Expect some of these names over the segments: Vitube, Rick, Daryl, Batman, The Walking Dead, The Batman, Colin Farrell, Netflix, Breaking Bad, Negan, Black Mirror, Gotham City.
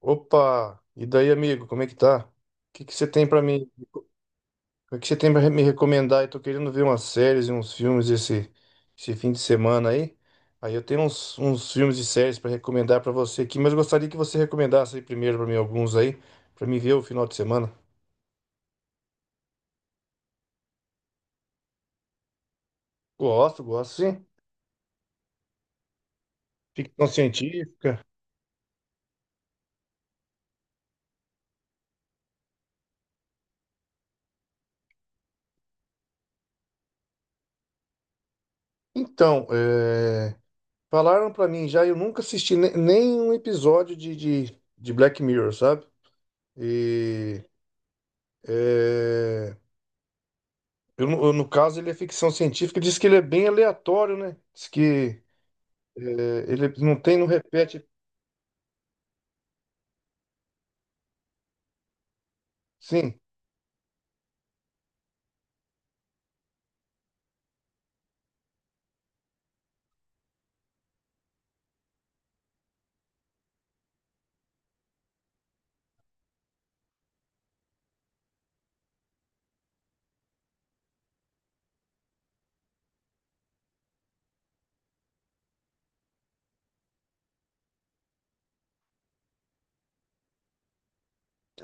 Opa! E daí, amigo, como é que tá? O que você tem pra mim? O que você tem para me recomendar? Eu tô querendo ver umas séries e uns filmes esse fim de semana aí. Aí eu tenho uns filmes e séries pra recomendar pra você aqui, mas eu gostaria que você recomendasse aí primeiro pra mim alguns aí, pra mim ver o final de semana. Gosto, gosto sim. Ficção científica. Então, falaram pra mim já, eu nunca assisti nem um episódio de Black Mirror, sabe? E. é, no caso, ele é ficção científica, diz que ele é bem aleatório, né? Diz que é, ele não tem, não repete. Sim.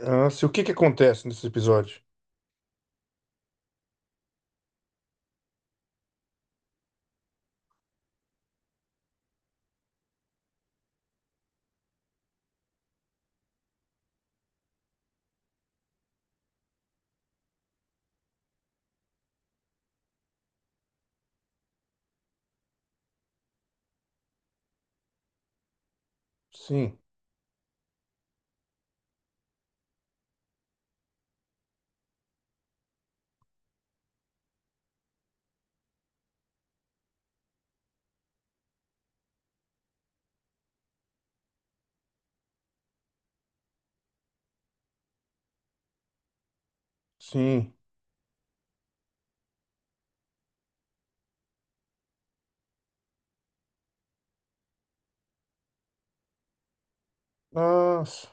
Ah, se, o que que acontece nesse episódio? Sim, sim. Nossa,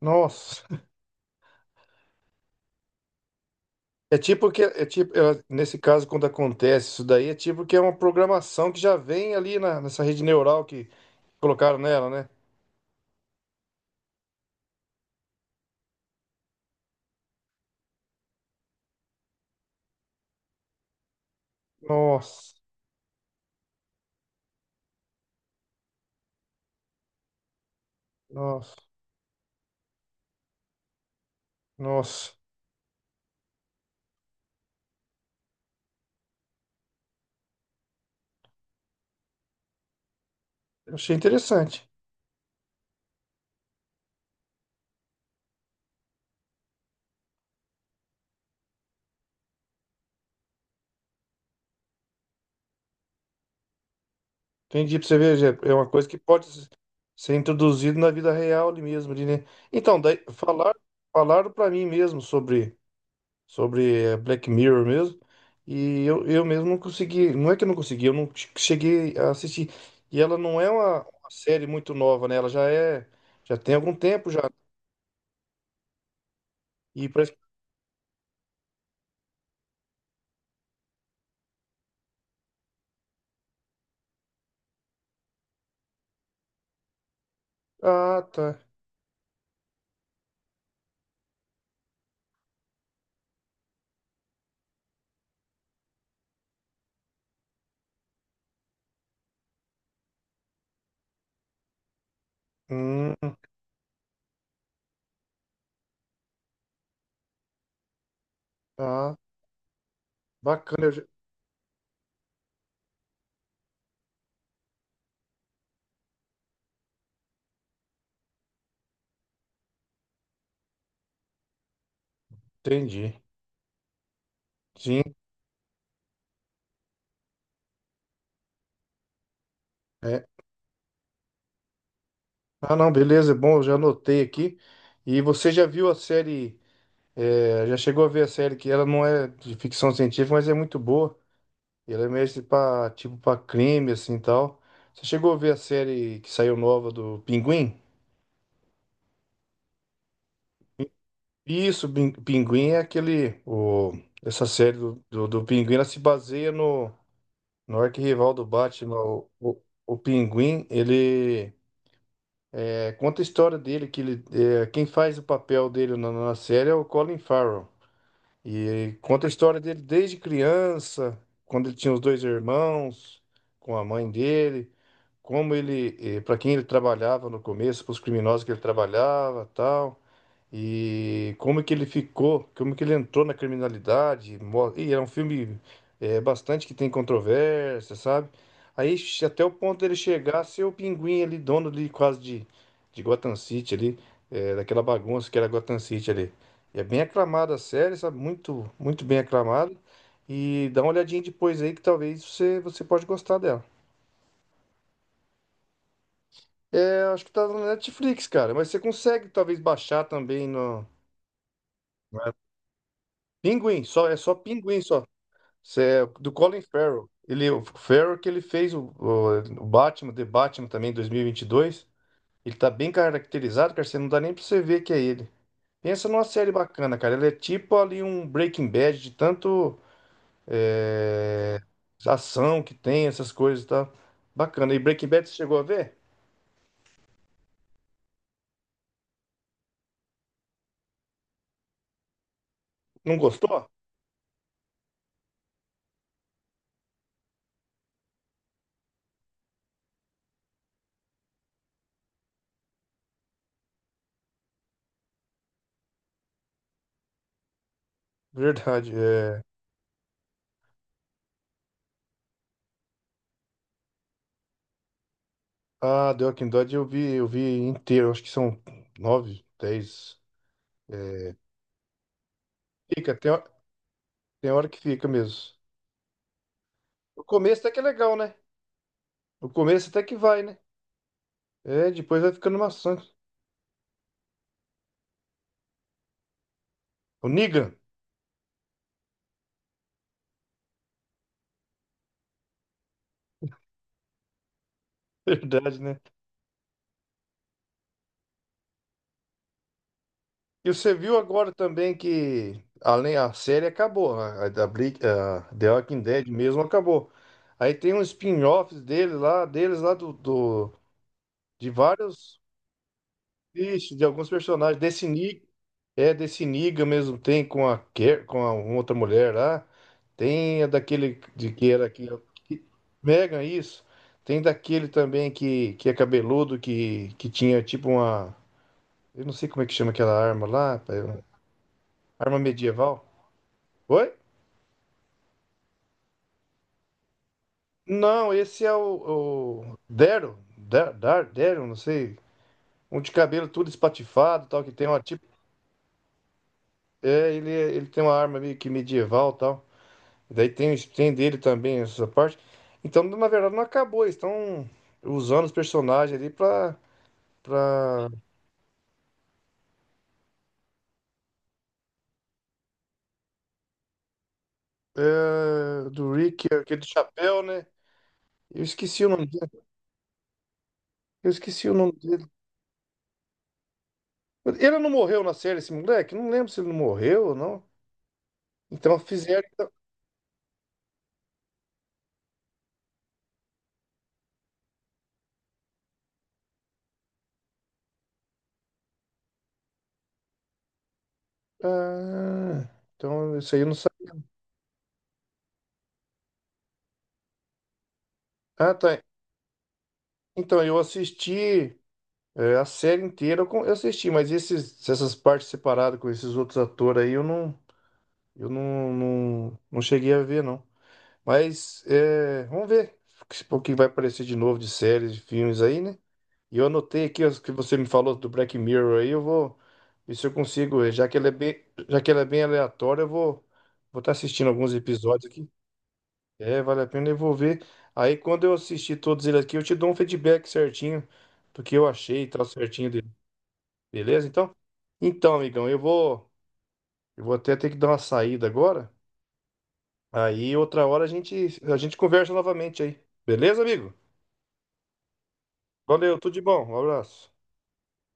nossa. É tipo que, é tipo, é, Nesse caso, quando acontece isso daí, é tipo que é uma programação que já vem nessa rede neural que colocaram nela, né? Nossa, nossa, nossa. Eu achei interessante. Entendi, pra você ver, Jé, é uma coisa que pode s- ser introduzida na vida real ali mesmo, ali, né? Então, daí, falaram para mim mesmo sobre Black Mirror mesmo, e eu mesmo não consegui, não é que eu não consegui, eu não che- cheguei a assistir. E ela não é uma série muito nova, né? Já tem algum tempo já. E parece, ah, tá. Hum, tá. Bacana, entendi. Sim, é. Ah, não, beleza, é bom, eu já anotei aqui. E você já viu a série? É, já chegou a ver a série que ela não é de ficção científica, mas é muito boa. Ela é meio para tipo para crime assim e tal. Você chegou a ver a série que saiu nova do Pinguim? Isso, Pinguim é aquele o essa série do Pinguim, ela se baseia no arquirrival do Batman, o Pinguim, ele conta a história dele que ele é, quem faz o papel dele na série é o Colin Farrell. E conta a história dele desde criança, quando ele tinha os dois irmãos, com a mãe dele, como ele, para quem ele trabalhava no começo, para os criminosos que ele trabalhava, tal. E como que ele ficou, como que ele entrou na criminalidade. E é um filme bastante que tem controvérsia, sabe? Até o ponto dele chegar a ser o Pinguim ali, dono ali quase de Gotham City ali, daquela bagunça que era Gotham City ali. E é bem aclamada a série, sabe? Muito, muito bem aclamada. E dá uma olhadinha depois aí que talvez você pode gostar dela. É, acho que tá na Netflix, cara, mas você consegue talvez baixar também no... Não é só Pinguim, só. É do Colin Farrell. Ele, o Farrell que ele fez o Batman, The Batman também, em 2022. Ele tá bem caracterizado, cara. Você não dá nem pra você ver que é ele. Pensa numa série bacana, cara. Ele é tipo ali um Breaking Bad de tanto é, ação que tem, essas coisas e tal. Bacana. E Breaking Bad você chegou a ver? Não gostou? Verdade. É... Ah, The Walking Dead eu vi inteiro. Acho que são nove, dez. É, Fica, tem, hora- Tem hora que fica mesmo. O começo até que é legal, né? O começo até que vai, né? É, depois vai ficando maçante. O Negan, verdade, né? E você viu agora também que além a série acabou, né? A The Walking Dead mesmo acabou. Aí tem um spin-off deles lá do de vários Isso, de alguns personagens. Desse Niga mesmo tem com com a uma outra mulher lá. Tem a daquele de que era que Megan, isso. Tem daquele também que é cabeludo, que tinha tipo uma. Eu não sei como é que chama aquela arma lá, pai, uma arma medieval. Oi? Não, esse é o Daryl, Daryl, não sei. Um de cabelo tudo espatifado, tal, que tem uma tipo. Ele tem uma arma meio que medieval, tal. Daí tem dele também essa parte. Então, na verdade, não acabou. Eles estão usando os personagens ali pra. pra É, do Rick, aquele do chapéu, né? Eu esqueci o nome dele. Eu esqueci o nome dele. Ele não morreu na série, esse moleque? Não lembro se ele não morreu ou não. Então fizeram. Então, ah, então isso aí eu não sabia. Ah, tá. Então eu assisti a série inteira, eu assisti, mas essas partes separadas com esses outros atores aí, eu não. Eu não cheguei a ver, não. Mas é, vamos ver o que vai aparecer de novo de séries, de filmes aí, né? E eu anotei aqui os que você me falou do Black Mirror aí, eu vou ver se eu consigo, já que ela é bem, já que ela é bem aleatória, eu vou vou estar assistindo alguns episódios aqui. É, vale a pena, eu vou ver. Aí quando eu assistir todos eles aqui, eu te dou um feedback certinho do que eu achei e tal, certinho dele. Beleza, então? Então, amigão, eu vou até ter que dar uma saída agora. Aí outra hora a gente conversa novamente aí. Beleza, amigo? Valeu, tudo de bom. Um abraço.